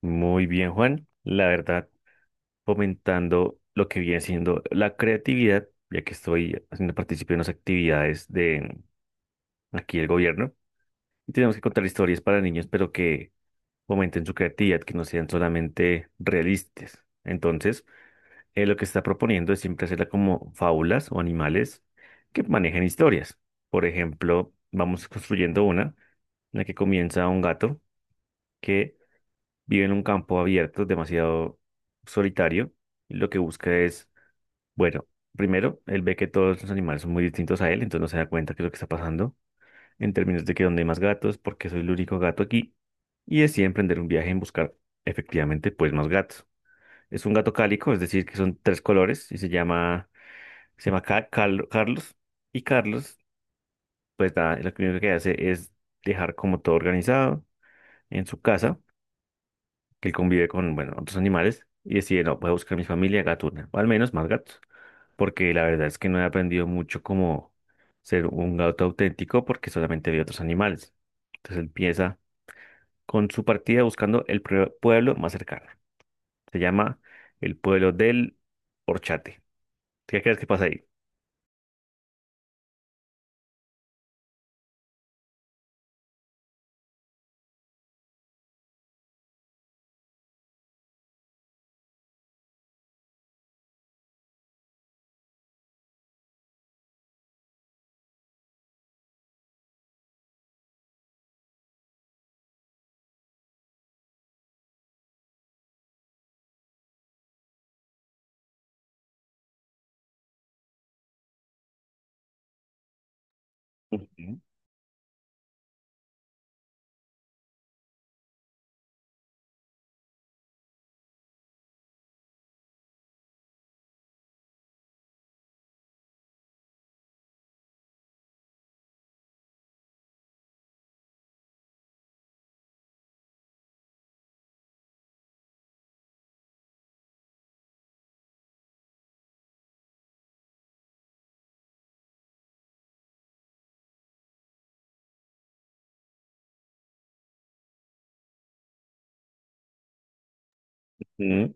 Muy bien, Juan. La verdad, fomentando lo que viene siendo la creatividad, ya que estoy haciendo partícipe de unas actividades de aquí el gobierno. Y tenemos que contar historias para niños, pero que fomenten su creatividad, que no sean solamente realistas. Entonces, lo que se está proponiendo es siempre hacerla como fábulas o animales que manejen historias. Por ejemplo, vamos construyendo una en la que comienza un gato que vive en un campo abierto, demasiado solitario, y lo que busca es, bueno, primero, él ve que todos los animales son muy distintos a él, entonces no se da cuenta que es lo que está pasando, en términos de que donde hay más gatos, porque soy el único gato aquí, y decide emprender un viaje en buscar efectivamente pues más gatos. Es un gato cálico, es decir, que son tres colores, y se llama Carlos, y Carlos, pues nada, lo primero que hace es dejar como todo organizado en su casa que él convive con, bueno, otros animales y decide, no, voy a buscar mi familia gatuna, o al menos más gatos, porque la verdad es que no he aprendido mucho cómo ser un gato auténtico porque solamente vi otros animales. Entonces empieza con su partida buscando el pueblo más cercano. Se llama el pueblo del Horchate. ¿Qué crees que pasa ahí? Ujú. Mm.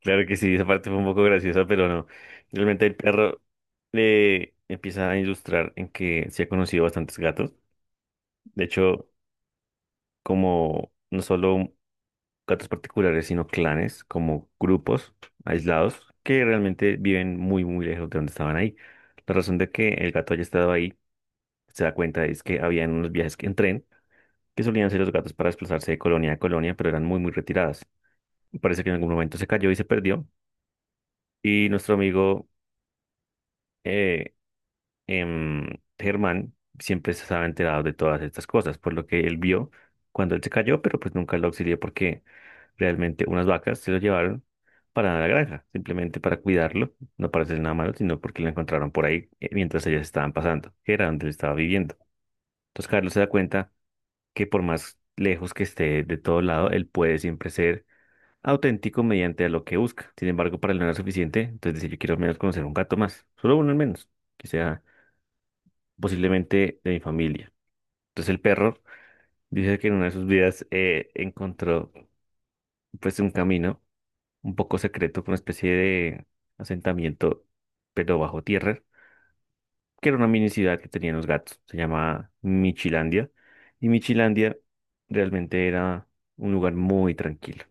Claro que sí, esa parte fue un poco graciosa, pero no. Realmente el perro le empieza a ilustrar en que se ha conocido bastantes gatos. De hecho, como no solo gatos particulares, sino clanes, como grupos aislados que realmente viven muy, muy lejos de donde estaban ahí. La razón de que el gato haya estado ahí se da cuenta es que habían unos viajes en tren que solían hacer los gatos para desplazarse de colonia a colonia, pero eran muy, muy retiradas. Parece que en algún momento se cayó y se perdió. Y nuestro amigo, eh, em, Germán siempre se estaba enterado de todas estas cosas, por lo que él vio cuando él se cayó, pero pues nunca lo auxilió porque realmente unas vacas se lo llevaron para la granja, simplemente para cuidarlo, no para hacer nada malo, sino porque lo encontraron por ahí mientras ellas estaban pasando, que era donde él estaba viviendo. Entonces Carlos se da cuenta que por más lejos que esté de todo lado, él puede siempre ser auténtico mediante a lo que busca. Sin embargo, para él no era suficiente, entonces dice, yo quiero al menos conocer un gato más, solo uno al menos, que sea posiblemente de mi familia. Entonces el perro dice que en una de sus vidas encontró pues un camino un poco secreto, con una especie de asentamiento, pero bajo tierra, que era una mini ciudad que tenían los gatos. Se llamaba Michilandia. Y Michilandia realmente era un lugar muy tranquilo.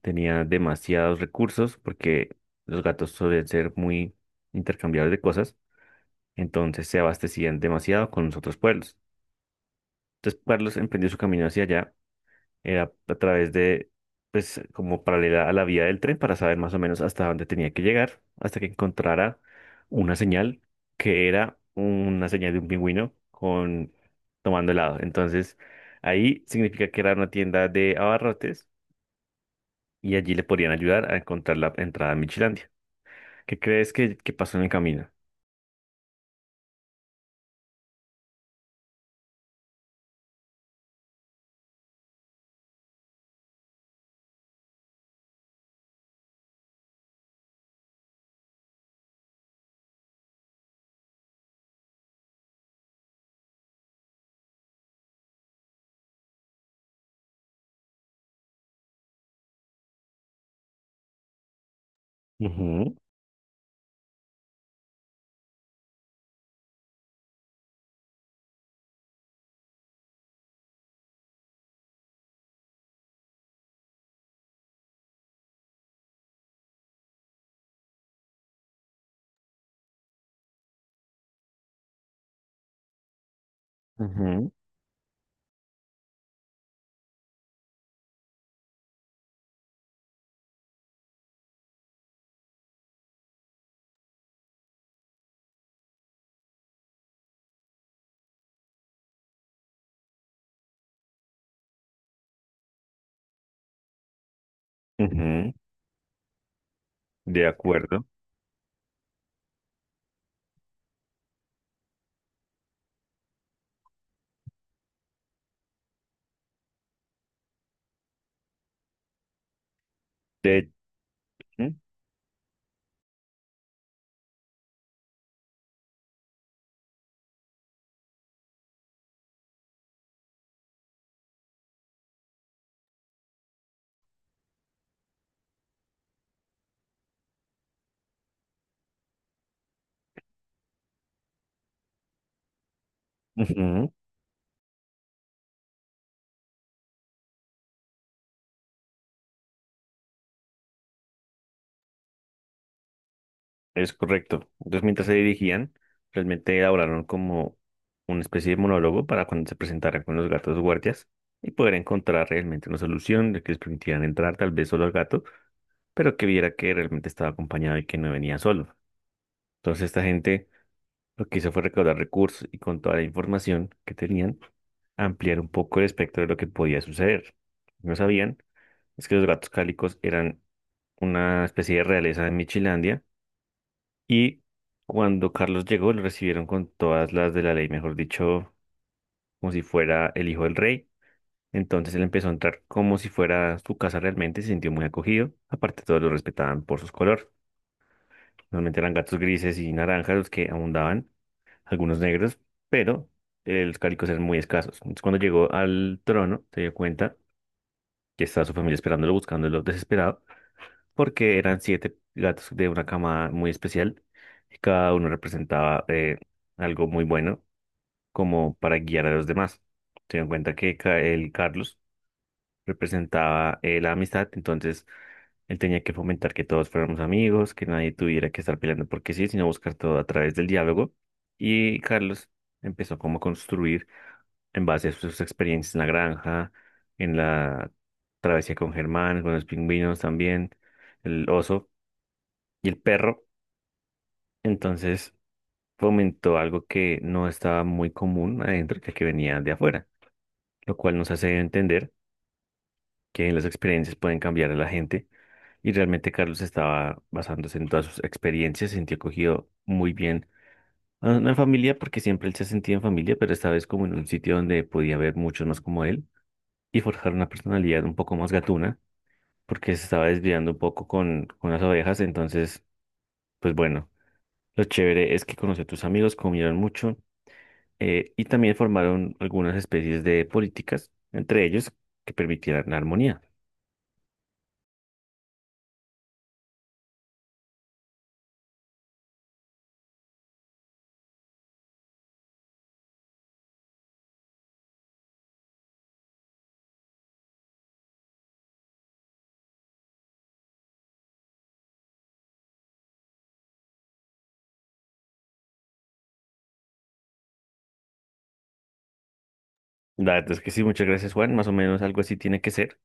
Tenía demasiados recursos porque los gatos suelen ser muy intercambiables de cosas. Entonces se abastecían demasiado con los otros pueblos. Entonces Carlos emprendió su camino hacia allá. Era a través de, pues, como paralela a la vía del tren para saber más o menos hasta dónde tenía que llegar, hasta que encontrara una señal que era una señal de un pingüino con tomando helado. Entonces, ahí significa que era una tienda de abarrotes y allí le podían ayudar a encontrar la entrada a Michilandia. ¿Qué crees que pasó en el camino? Ujú, ujú, ujú, de acuerdo. De, ujú, ujú. Es correcto. Entonces, mientras se dirigían, realmente elaboraron como una especie de monólogo para cuando se presentaran con los gatos guardias y poder encontrar realmente una solución de que les permitieran entrar tal vez solo al gato, pero que viera que realmente estaba acompañado y que no venía solo. Entonces, esta gente lo que hizo fue recaudar recursos y con toda la información que tenían, ampliar un poco el espectro de lo que podía suceder. No sabían es que los gatos cálicos eran una especie de realeza de Michilandia y cuando Carlos llegó, lo recibieron con todas las de la ley, mejor dicho, como si fuera el hijo del rey. Entonces él empezó a entrar como si fuera su casa realmente, se sintió muy acogido. Aparte, todos lo respetaban por sus colores. Normalmente eran gatos grises y naranjas los que abundaban, algunos negros, pero los cálicos eran muy escasos. Entonces, cuando llegó al trono, se dio cuenta que estaba su familia esperándolo, buscándolo desesperado, porque eran siete gatos de una camada muy especial y cada uno representaba algo muy bueno como para guiar a los demás. Teniendo en cuenta que el Carlos representaba la amistad, entonces él tenía que fomentar que todos fuéramos amigos, que nadie tuviera que estar peleando porque sí, sino buscar todo a través del diálogo. Y Carlos empezó como a construir en base a sus experiencias en la granja, en la travesía con Germán, con los pingüinos también, el oso y el perro, entonces fomentó algo que no estaba muy común adentro, que venía de afuera, lo cual nos hace entender que las experiencias pueden cambiar a la gente y realmente Carlos estaba basándose en todas sus experiencias, se sintió acogido muy bien a una familia, porque siempre él se sentía en familia, pero esta vez como en un sitio donde podía haber muchos más como él y forjar una personalidad un poco más gatuna, porque se estaba desviando un poco con las ovejas, entonces, pues bueno, lo chévere es que conoció a tus amigos, comieron mucho, y también formaron algunas especies de políticas, entre ellos que permitieran la armonía. La verdad es que sí, muchas gracias, Juan. Más o menos algo así tiene que ser,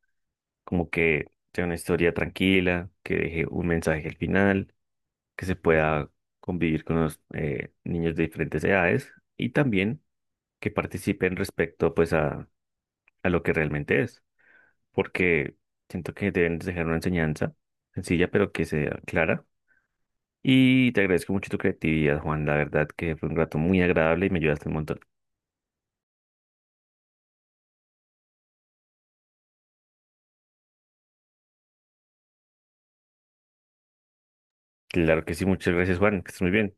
como que sea una historia tranquila, que deje un mensaje al final, que se pueda convivir con los niños de diferentes edades y también que participen respecto pues a lo que realmente es, porque siento que deben dejar una enseñanza sencilla pero que sea clara. Y te agradezco mucho tu creatividad, Juan, la verdad que fue un rato muy agradable y me ayudaste un montón. Claro que sí, muchas gracias, Juan, que estés muy bien.